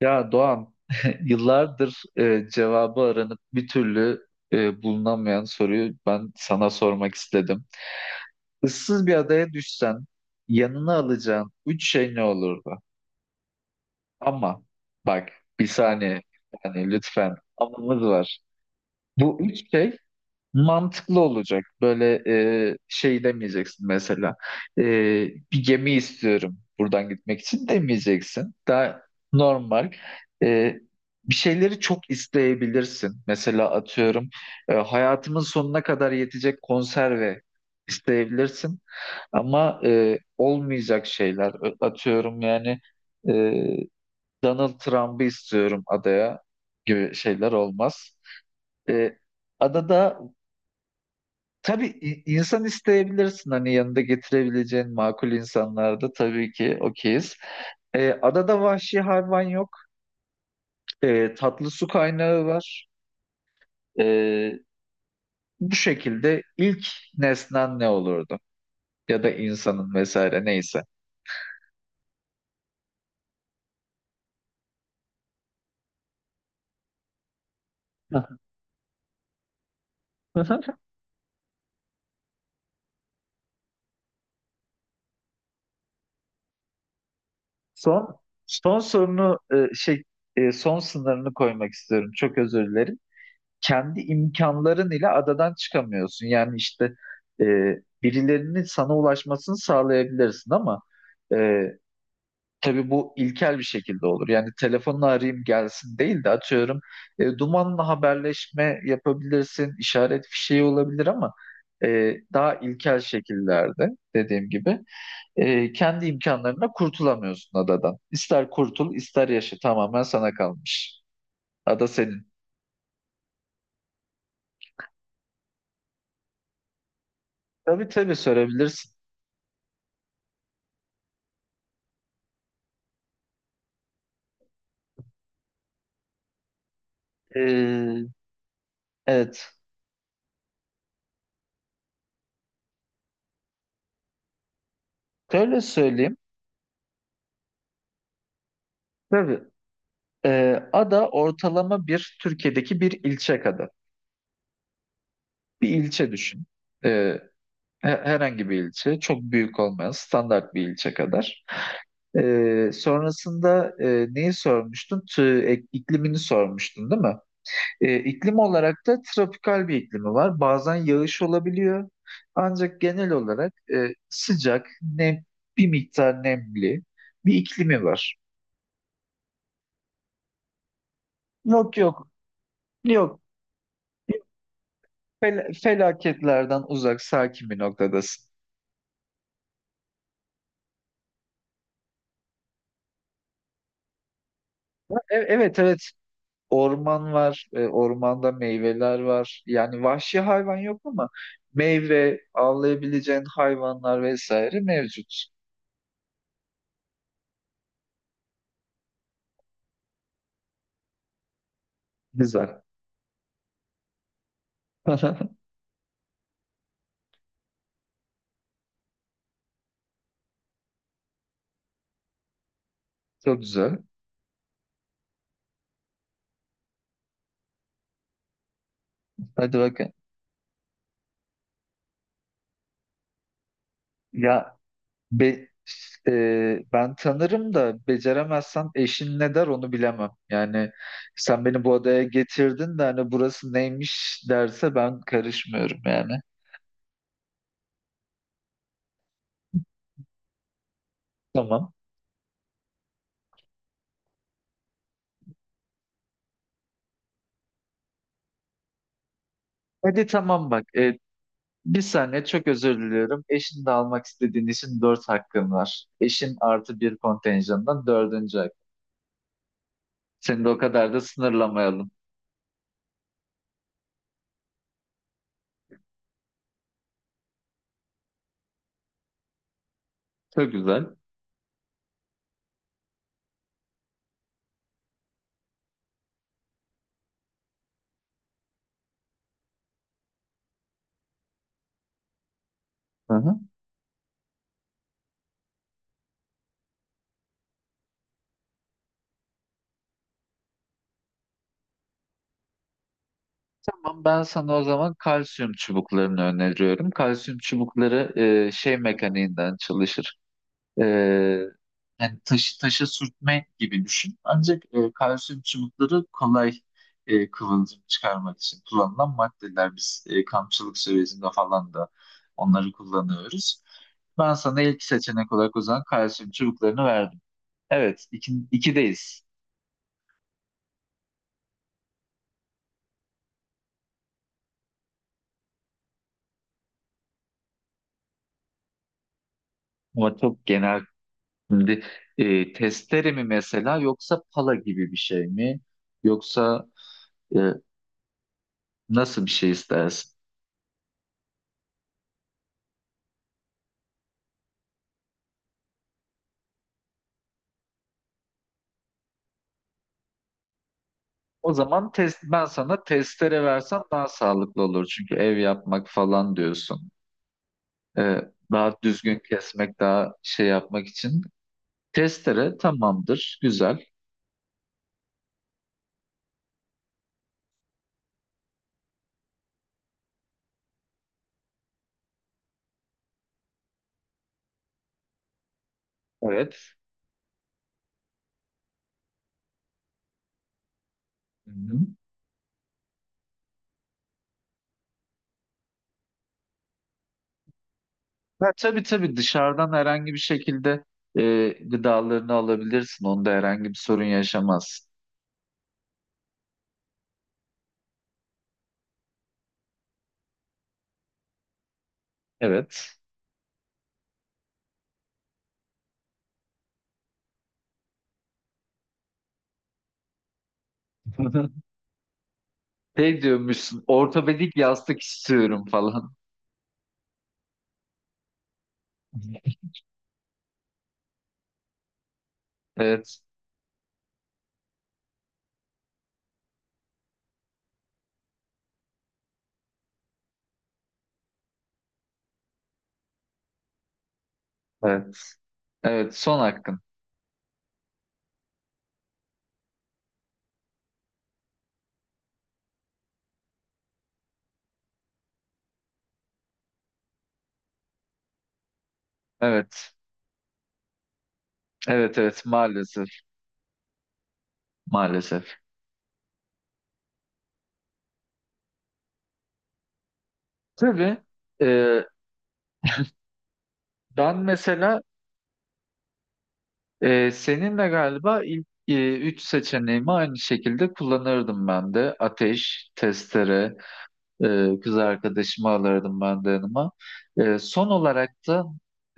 Ya Doğan, yıllardır cevabı aranıp bir türlü bulunamayan soruyu ben sana sormak istedim. Issız bir adaya düşsen yanına alacağın üç şey ne olurdu? Ama bak, bir saniye, yani lütfen amamız var. Bu üç şey mantıklı olacak. Böyle şey demeyeceksin mesela. E, Bir gemi istiyorum buradan gitmek için demeyeceksin. Daha normal. E, Bir şeyleri çok isteyebilirsin. Mesela atıyorum hayatımın sonuna kadar yetecek konserve isteyebilirsin. Ama olmayacak şeyler. Atıyorum yani e, Donald Trump'ı istiyorum adaya gibi şeyler olmaz. E, Adada tabii insan isteyebilirsin, hani yanında getirebileceğin makul insanlarda tabii ki okeyiz. Adada vahşi hayvan yok. Tatlı su kaynağı var. Ee, Bu şekilde ilk nesnen ne olurdu? Ya da insanın vesaire neyse. Son son sorunu son sınırını koymak istiyorum. Çok özür dilerim. Kendi imkanların ile adadan çıkamıyorsun. Yani işte e, birilerinin sana ulaşmasını sağlayabilirsin, ama e, tabii bu ilkel bir şekilde olur. Yani telefonla arayayım gelsin değil de, atıyorum, dumanla haberleşme yapabilirsin, işaret fişeği olabilir, ama daha ilkel şekillerde. Dediğim gibi, kendi imkanlarına kurtulamıyorsun adadan. İster kurtul, ister yaşa, tamamen sana kalmış. Ada senin. Tabii tabii, sorabilirsin. Ee, Evet. Şöyle söyleyeyim. Tabii. e, Ada ortalama bir Türkiye'deki bir ilçe kadar. Bir ilçe düşün. E, Herhangi bir ilçe. Çok büyük olmayan standart bir ilçe kadar. Sonrasında neyi sormuştun? İklimini sormuştun değil mi? İklim olarak da tropikal bir iklimi var. Bazen yağış olabiliyor. Ancak genel olarak sıcak, bir miktar nemli bir iklimi var. Yok yok. Yok. Felaketlerden uzak, sakin bir noktadasın. Ha, evet evet. Orman var, ormanda meyveler var. Yani vahşi hayvan yok ama meyve, avlayabileceğin hayvanlar vesaire mevcut. Güzel. Çok güzel. Hadi bakın. Ya be- Ben tanırım da beceremezsem eşin ne der onu bilemem. Yani sen beni bu adaya getirdin de hani burası neymiş derse, ben karışmıyorum yani. Tamam. Hadi tamam, bak. Bir saniye, çok özür diliyorum. Eşin de almak istediğin için dört hakkın var. Eşin artı bir kontenjandan dördüncü hak. Seni de o kadar da sınırlamayalım. Çok güzel. Hı hı. Tamam, ben sana o zaman kalsiyum çubuklarını öneriyorum. Kalsiyum çubukları şey mekaniğinden çalışır. Ee, yani taşı taşa sürtme gibi düşün. Ancak kalsiyum çubukları kolay kıvılcım çıkarmak için kullanılan maddeler. Biz kampçılık sürecinde falan da onları kullanıyoruz. Ben sana ilk seçenek olarak o zaman kalsiyum çubuklarını verdim. Evet, iki, ikideyiz. Ama çok genel. Şimdi testere mi mesela, yoksa pala gibi bir şey mi? Yoksa e, Nasıl bir şey istersin? O zaman ben sana testere versem daha sağlıklı olur. Çünkü ev yapmak falan diyorsun. Ee, daha düzgün kesmek, daha şey yapmak için. Testere tamamdır, güzel. Evet. Hı-hı. Ha, tabii tabii, dışarıdan herhangi bir şekilde gıdalarını alabilirsin. Onda herhangi bir sorun yaşamazsın. Evet. Şey diyormuşsun, ortopedik yastık istiyorum falan. Evet, evet. Evet, son hakkın. Evet, evet, evet maalesef. Maalesef. Tabii. e, Ben mesela seninle galiba ilk üç seçeneğimi aynı şekilde kullanırdım ben de. Ateş, testere, kız arkadaşımı alırdım ben de yanıma. Son olarak da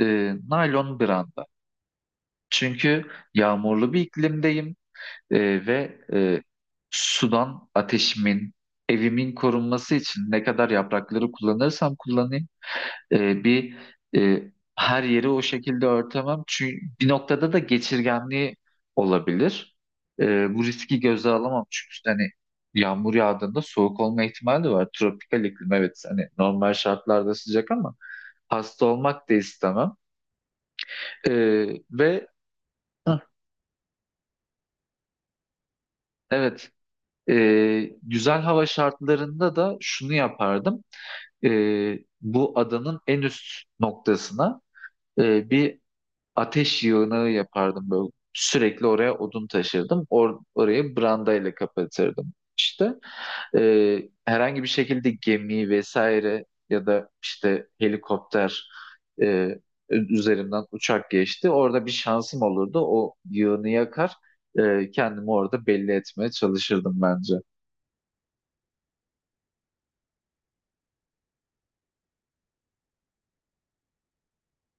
e, naylon branda. Çünkü yağmurlu bir iklimdeyim, e, ve e, sudan ateşimin, evimin korunması için ne kadar yaprakları kullanırsam kullanayım, e, bir e, her yeri o şekilde örtemem. Çünkü bir noktada da geçirgenliği olabilir. Bu riski göze alamam. Çünkü işte hani yağmur yağdığında soğuk olma ihtimali de var. Tropikal iklim, evet, hani normal şartlarda sıcak ama hasta olmak da istemem. E, ve Hah. Evet, e, güzel hava şartlarında da şunu yapardım: e, bu adanın en üst noktasına bir ateş yığını yapardım böyle. Sürekli oraya odun taşırdım. Orayı brandayla kapatırdım. İşte herhangi bir şekilde gemi vesaire, ya da işte helikopter, e, üzerinden uçak geçti, orada bir şansım olurdu. O yığını yakar, kendimi orada belli etmeye çalışırdım bence.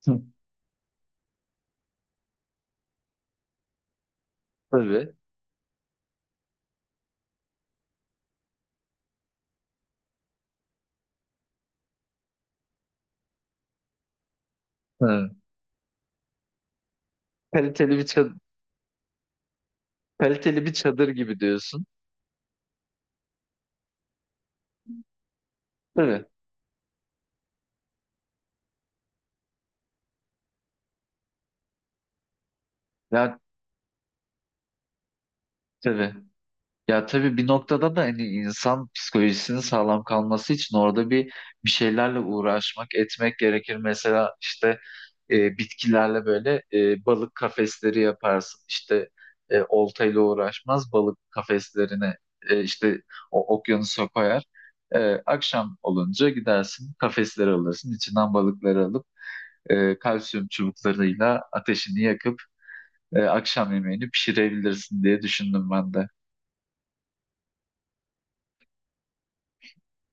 Hı. Tabii. Hı. Kaliteli bir çadır, kaliteli bir çadır gibi diyorsun. Tabii. Ya, tabii. Ya, tabii, bir noktada da hani insan psikolojisinin sağlam kalması için orada bir şeylerle uğraşmak, etmek gerekir. Mesela işte bitkilerle böyle balık kafesleri yaparsın. İşte oltayla uğraşmaz, balık kafeslerine e, işte o okyanusa koyar. E, Akşam olunca gidersin, kafesleri alırsın, içinden balıkları alıp kalsiyum çubuklarıyla ateşini yakıp akşam yemeğini pişirebilirsin diye düşündüm ben de.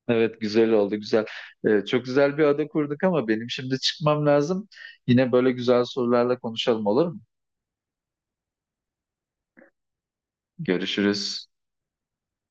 Evet, güzel oldu, güzel. Çok güzel bir ada kurduk ama benim şimdi çıkmam lazım. Yine böyle güzel sorularla konuşalım, olur mu? Görüşürüz.